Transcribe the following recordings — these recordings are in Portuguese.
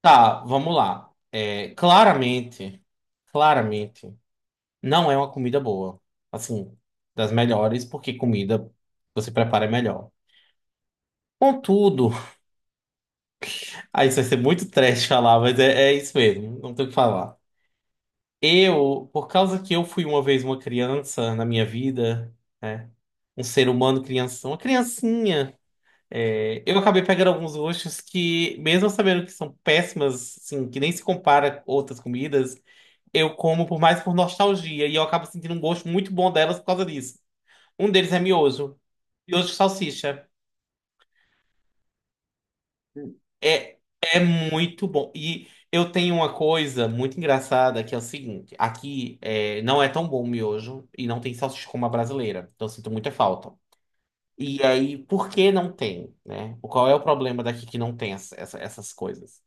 Tá, vamos lá. Claramente, claramente, não é uma comida boa. Assim, das melhores, porque comida você prepara é melhor. Contudo, aí isso vai ser muito trash falar, mas é isso mesmo, não tem o que falar. Eu, por causa que eu fui uma vez uma criança na minha vida, né? Um ser humano criança, uma criancinha, eu acabei pegando alguns gostos que, mesmo sabendo que são péssimas, assim, que nem se compara com outras comidas. Eu como por mais por nostalgia e eu acabo sentindo um gosto muito bom delas por causa disso. Um deles é miojo. Miojo de salsicha. É, é muito bom. E eu tenho uma coisa muito engraçada que é o seguinte: aqui não é tão bom o miojo e não tem salsicha como a brasileira. Então eu sinto muita falta. E aí, por que não tem, né? Qual é o problema daqui que não tem essas coisas?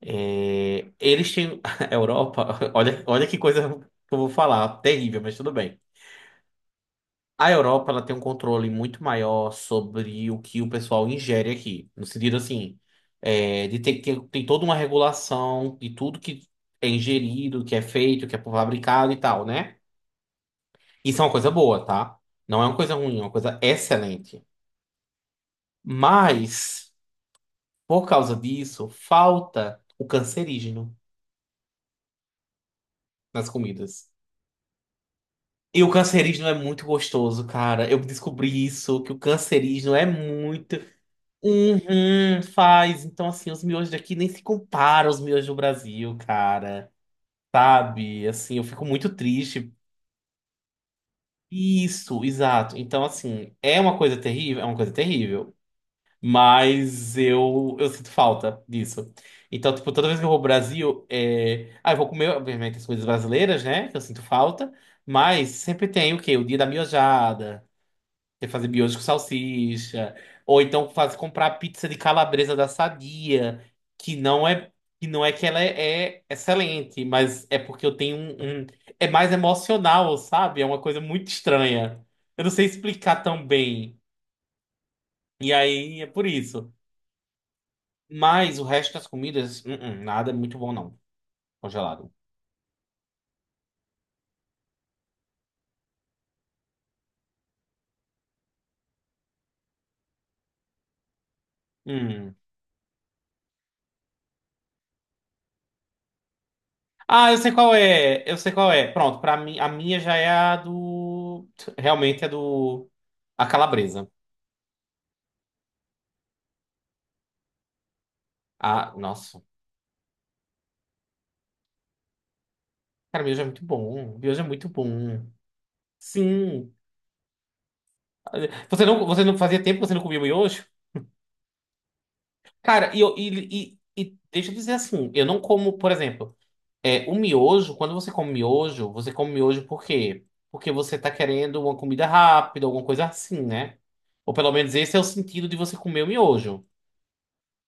É, eles têm. A Europa, olha, olha que coisa que eu vou falar, terrível, mas tudo bem. A Europa ela tem um controle muito maior sobre o que o pessoal ingere aqui, no sentido assim, tem toda uma regulação de tudo que é ingerido, que é feito, que é fabricado e tal, né? Isso é uma coisa boa, tá? Não é uma coisa ruim, é uma coisa excelente. Mas, por causa disso, falta o cancerígeno nas comidas. E o cancerígeno é muito gostoso, cara. Eu descobri isso, que o cancerígeno é muito. Uhum, faz. Então, assim, os miojos daqui nem se comparam aos miojos do Brasil, cara. Sabe? Assim, eu fico muito triste. Isso, exato. Então, assim, é uma coisa terrível, é uma coisa terrível. Mas eu sinto falta disso. Então, tipo, toda vez que eu vou ao Brasil, eu vou comer, obviamente, as coisas brasileiras, né? Que eu sinto falta. Mas sempre tem o quê? O dia da miojada. Você fazer miojo com salsicha, ou então faz comprar pizza de calabresa da Sadia, que não é que não é que ela é, é excelente, mas é porque eu tenho é mais emocional, sabe? É uma coisa muito estranha. Eu não sei explicar tão bem. E aí é por isso. Mas o resto das comidas, nada é muito bom não, congelado. Hum. Ah, eu sei qual é. Eu sei qual é. Pronto, para mim a minha já é a do realmente é do a calabresa. Ah, nossa. Cara, miojo é muito bom. Miojo é muito bom. Sim. Você não fazia tempo que você não comia miojo? Cara, deixa eu dizer assim, eu não como, por exemplo, o miojo, quando você come miojo por quê? Porque você tá querendo uma comida rápida, alguma coisa assim, né? Ou pelo menos esse é o sentido de você comer o miojo.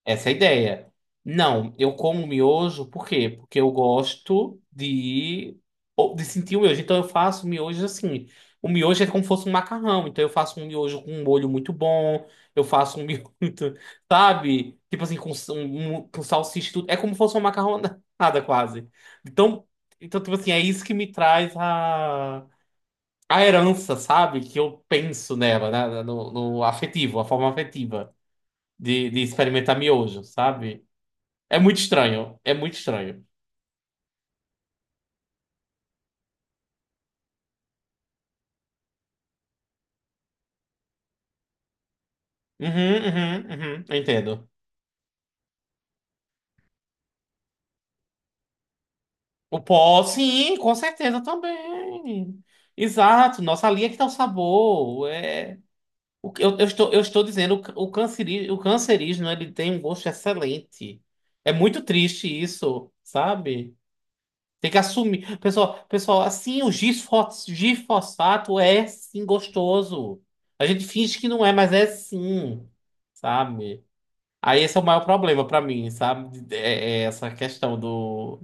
Essa é a ideia. Não, eu como miojo, por quê? Porque eu gosto de sentir o miojo. Então eu faço miojo assim. O miojo é como se fosse um macarrão. Então eu faço um miojo com um molho muito bom. Eu faço um miojo, sabe? Tipo assim, com, s- um- com salsicha e tudo. É como se fosse uma macarronada quase. Então, então, tipo assim, é isso que me traz a herança, sabe? Que eu penso nela, né? No afetivo, a forma afetiva de experimentar miojo, sabe? É muito estranho. É muito estranho. Uhum. Entendo. O pó, sim, com certeza também. Exato. Nossa, ali é que tá o sabor. O eu estou dizendo, o, ca- o, canceri, o cancerígeno, ele tem um gosto excelente. É muito triste isso, sabe? Tem que assumir. Pessoal, assim, o gifosfato é, sim, gostoso. A gente finge que não é, mas é, sim. Sabe? Aí esse é o maior problema pra mim, sabe? É essa questão do.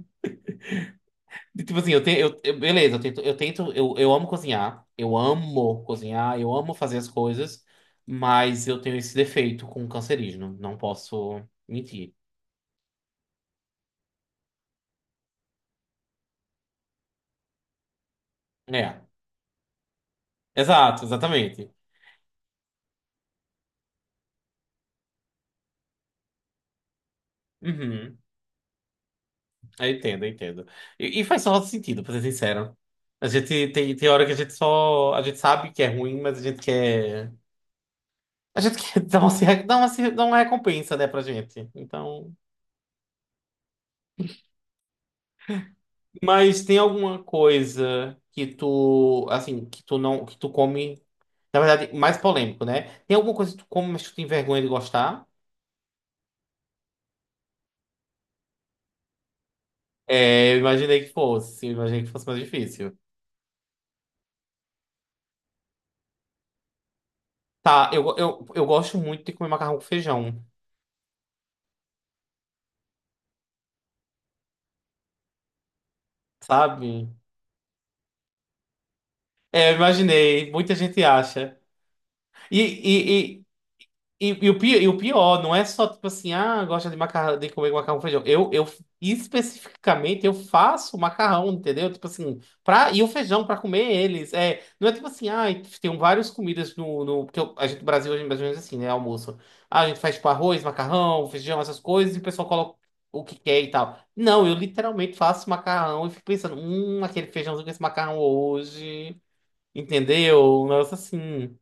De, tipo assim, eu, tenho, eu- beleza, eu tento, eu amo cozinhar, eu amo fazer as coisas, mas eu tenho esse defeito com o cancerígeno, não posso mentir. É, exato, exatamente. Uhum, eu entendo, eu entendo. E faz só sentido, pra ser sincero. A gente tem hora que a gente só. A gente sabe que é ruim, mas a gente quer. A gente quer dar uma, se- dar uma, se- dar uma recompensa, né, pra gente. Então. Mas tem alguma coisa que tu, assim, que tu não, que tu come, na verdade, mais polêmico, né? Tem alguma coisa que tu come, mas tu tem vergonha de gostar? É, eu imaginei que fosse mais difícil. Tá, eu gosto muito de comer macarrão com feijão, sabe? É, eu imaginei, muita gente acha. E, e, e o pior, não é só tipo assim, ah, gosta de macarrão, de comer macarrão com feijão. Eu especificamente eu faço macarrão, entendeu? Tipo assim, pra, e o feijão para comer eles. É, não é tipo assim, ah, tem várias comidas no, no porque a gente no Brasil hoje é mais ou menos assim, né, almoço. Ah, a gente faz tipo arroz, macarrão, feijão, essas coisas e o pessoal coloca o que quer e tal. Não, eu literalmente faço macarrão e fico pensando, aquele feijãozinho com esse macarrão hoje, entendeu? Um negócio assim.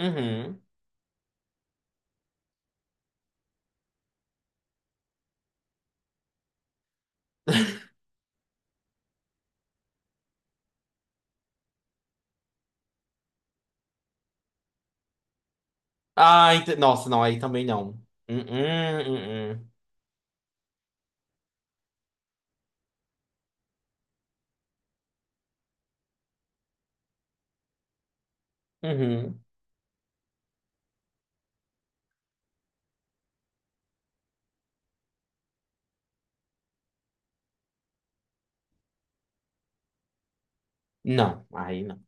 Uhum. Nossa, não, aí também não. Hum, hum, hum, hum. Uhum. Não, aí não.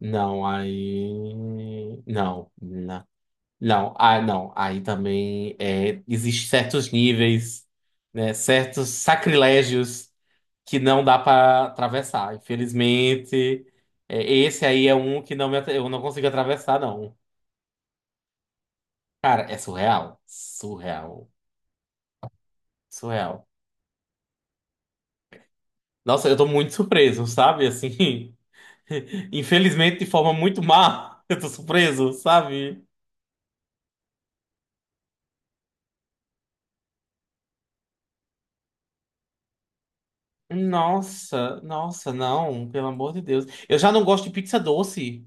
Não, aí. Não, não. Não, ah, não. Aí também é, existem certos níveis, né, certos sacrilégios que não dá para atravessar. Infelizmente, é, esse aí é um que eu não consigo atravessar, não. Cara, é surreal. Surreal. Surreal. Nossa, eu tô muito surpreso, sabe? Assim. Infelizmente, de forma muito má, eu tô surpreso, sabe? Nossa, nossa, não, pelo amor de Deus. Eu já não gosto de pizza doce.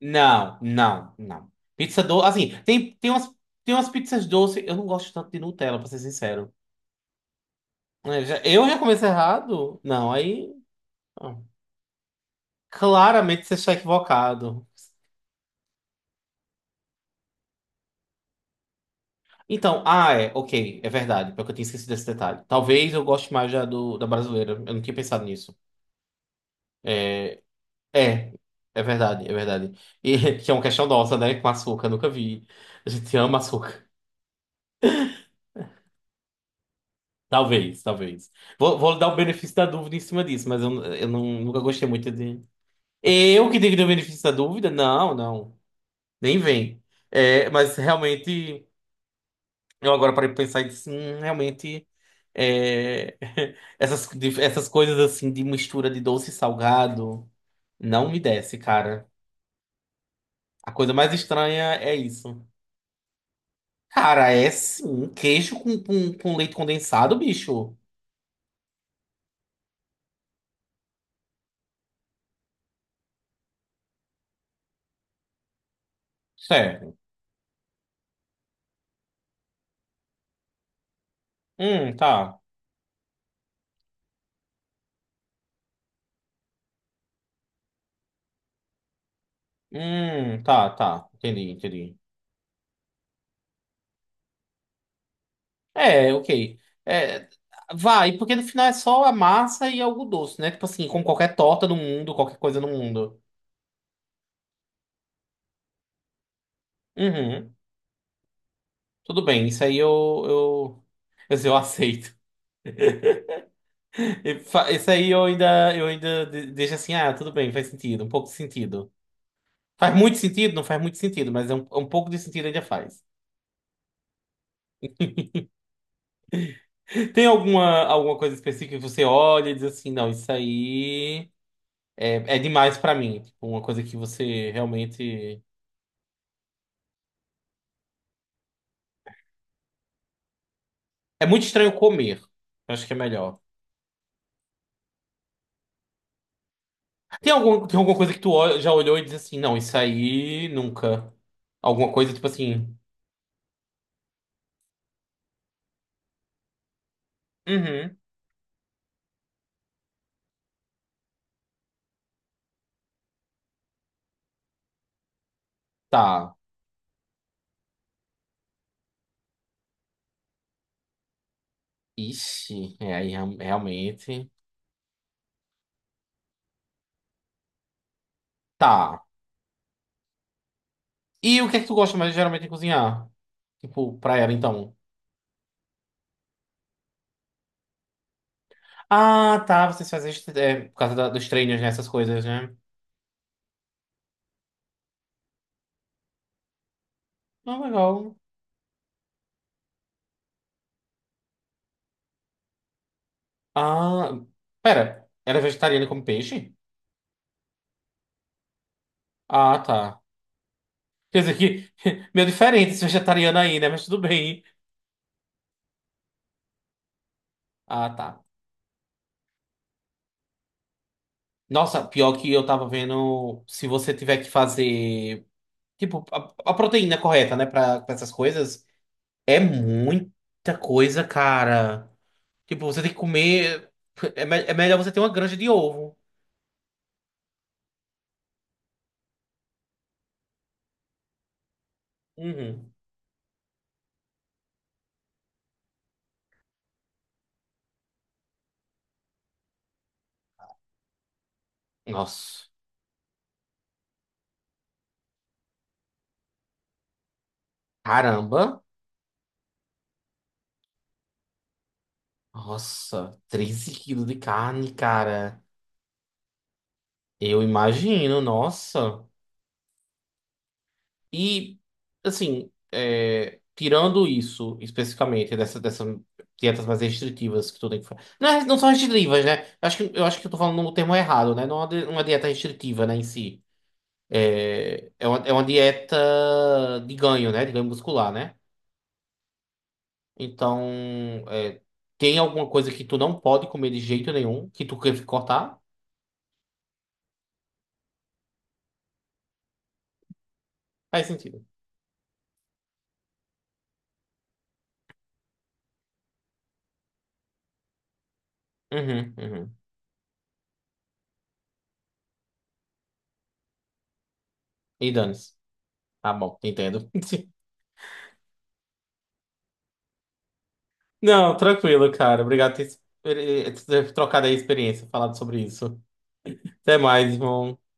Não, não, não. Pizza doce, assim, tem umas pizzas doces, eu não gosto tanto de Nutella, pra ser sincero. É, eu já comecei errado? Não, aí. Ó, claramente você está equivocado. Então, ah, é, ok, é verdade, porque eu tinha esquecido esse detalhe. Talvez eu goste mais já da brasileira, eu não tinha pensado nisso. É, É, é verdade, é verdade. E que é uma questão nossa, né? Com açúcar, nunca vi. A gente ama açúcar. Talvez, talvez. Vou dar o benefício da dúvida em cima disso, mas eu não, nunca gostei muito de. Eu que tenho que dar o benefício da dúvida? Não, não. Nem vem. É, mas realmente, eu agora parei pra pensar e disse, realmente. É, essas coisas assim de mistura de doce e salgado não me desce, cara. A coisa mais estranha é isso. Cara, é sim. Um queijo com leite condensado, bicho. Certo. Tá. Tá. Entendi, entendi. É, ok. É, vai, porque no final é só a massa e algo doce, né? Tipo assim, como qualquer torta no mundo, qualquer coisa no mundo. Uhum. Tudo bem, isso aí eu, eu aceito. E isso aí eu ainda, deixo assim, ah, tudo bem, faz sentido, um pouco de sentido. Faz muito sentido? Não faz muito sentido, mas é um pouco de sentido ainda faz. Tem alguma coisa específica que você olha e diz assim, não, isso aí é demais pra mim. Tipo, uma coisa que você realmente... É muito estranho comer. Eu acho que é melhor. Tem tem alguma coisa que já olhou e diz assim, não, isso aí nunca. Alguma coisa tipo assim, uhum, tá. Ixi, é aí realmente. Tá. E o que é que tu gosta mais geralmente de cozinhar? Tipo, pra ela, então. Ah, tá, vocês fazem é, por causa dos treinos, né, essas coisas, né? Ah, legal. Ah, pera, ela é vegetariana e come peixe? Ah, tá. Quer dizer que meio diferente esse vegetariano aí, né? Mas tudo bem. Ah, tá. Nossa, pior que eu tava vendo, se você tiver que fazer, tipo, a proteína correta, né, pra essas coisas, é muita coisa, cara. Tipo, você tem que comer, é melhor você ter uma granja de ovo. Uhum. Nossa, caramba. Nossa, 13 quilos de carne, cara. Eu imagino, nossa. E, assim, é, tirando isso especificamente, dessa dietas mais restritivas que tu tem que fazer. Não, não são restritivas, né? Eu acho que, eu acho que eu tô falando no termo errado, né? Não é uma dieta restritiva, né, em si. É, é uma dieta de ganho, né? De ganho muscular, né? Então, é, tem alguma coisa que tu não pode comer de jeito nenhum, que tu quer cortar? Faz sentido. Uhum, uhum. E dane-se. Tá bom, entendo. Não, tranquilo, cara. Obrigado por por ter trocado aí a experiência, falado sobre isso. Até mais, irmão.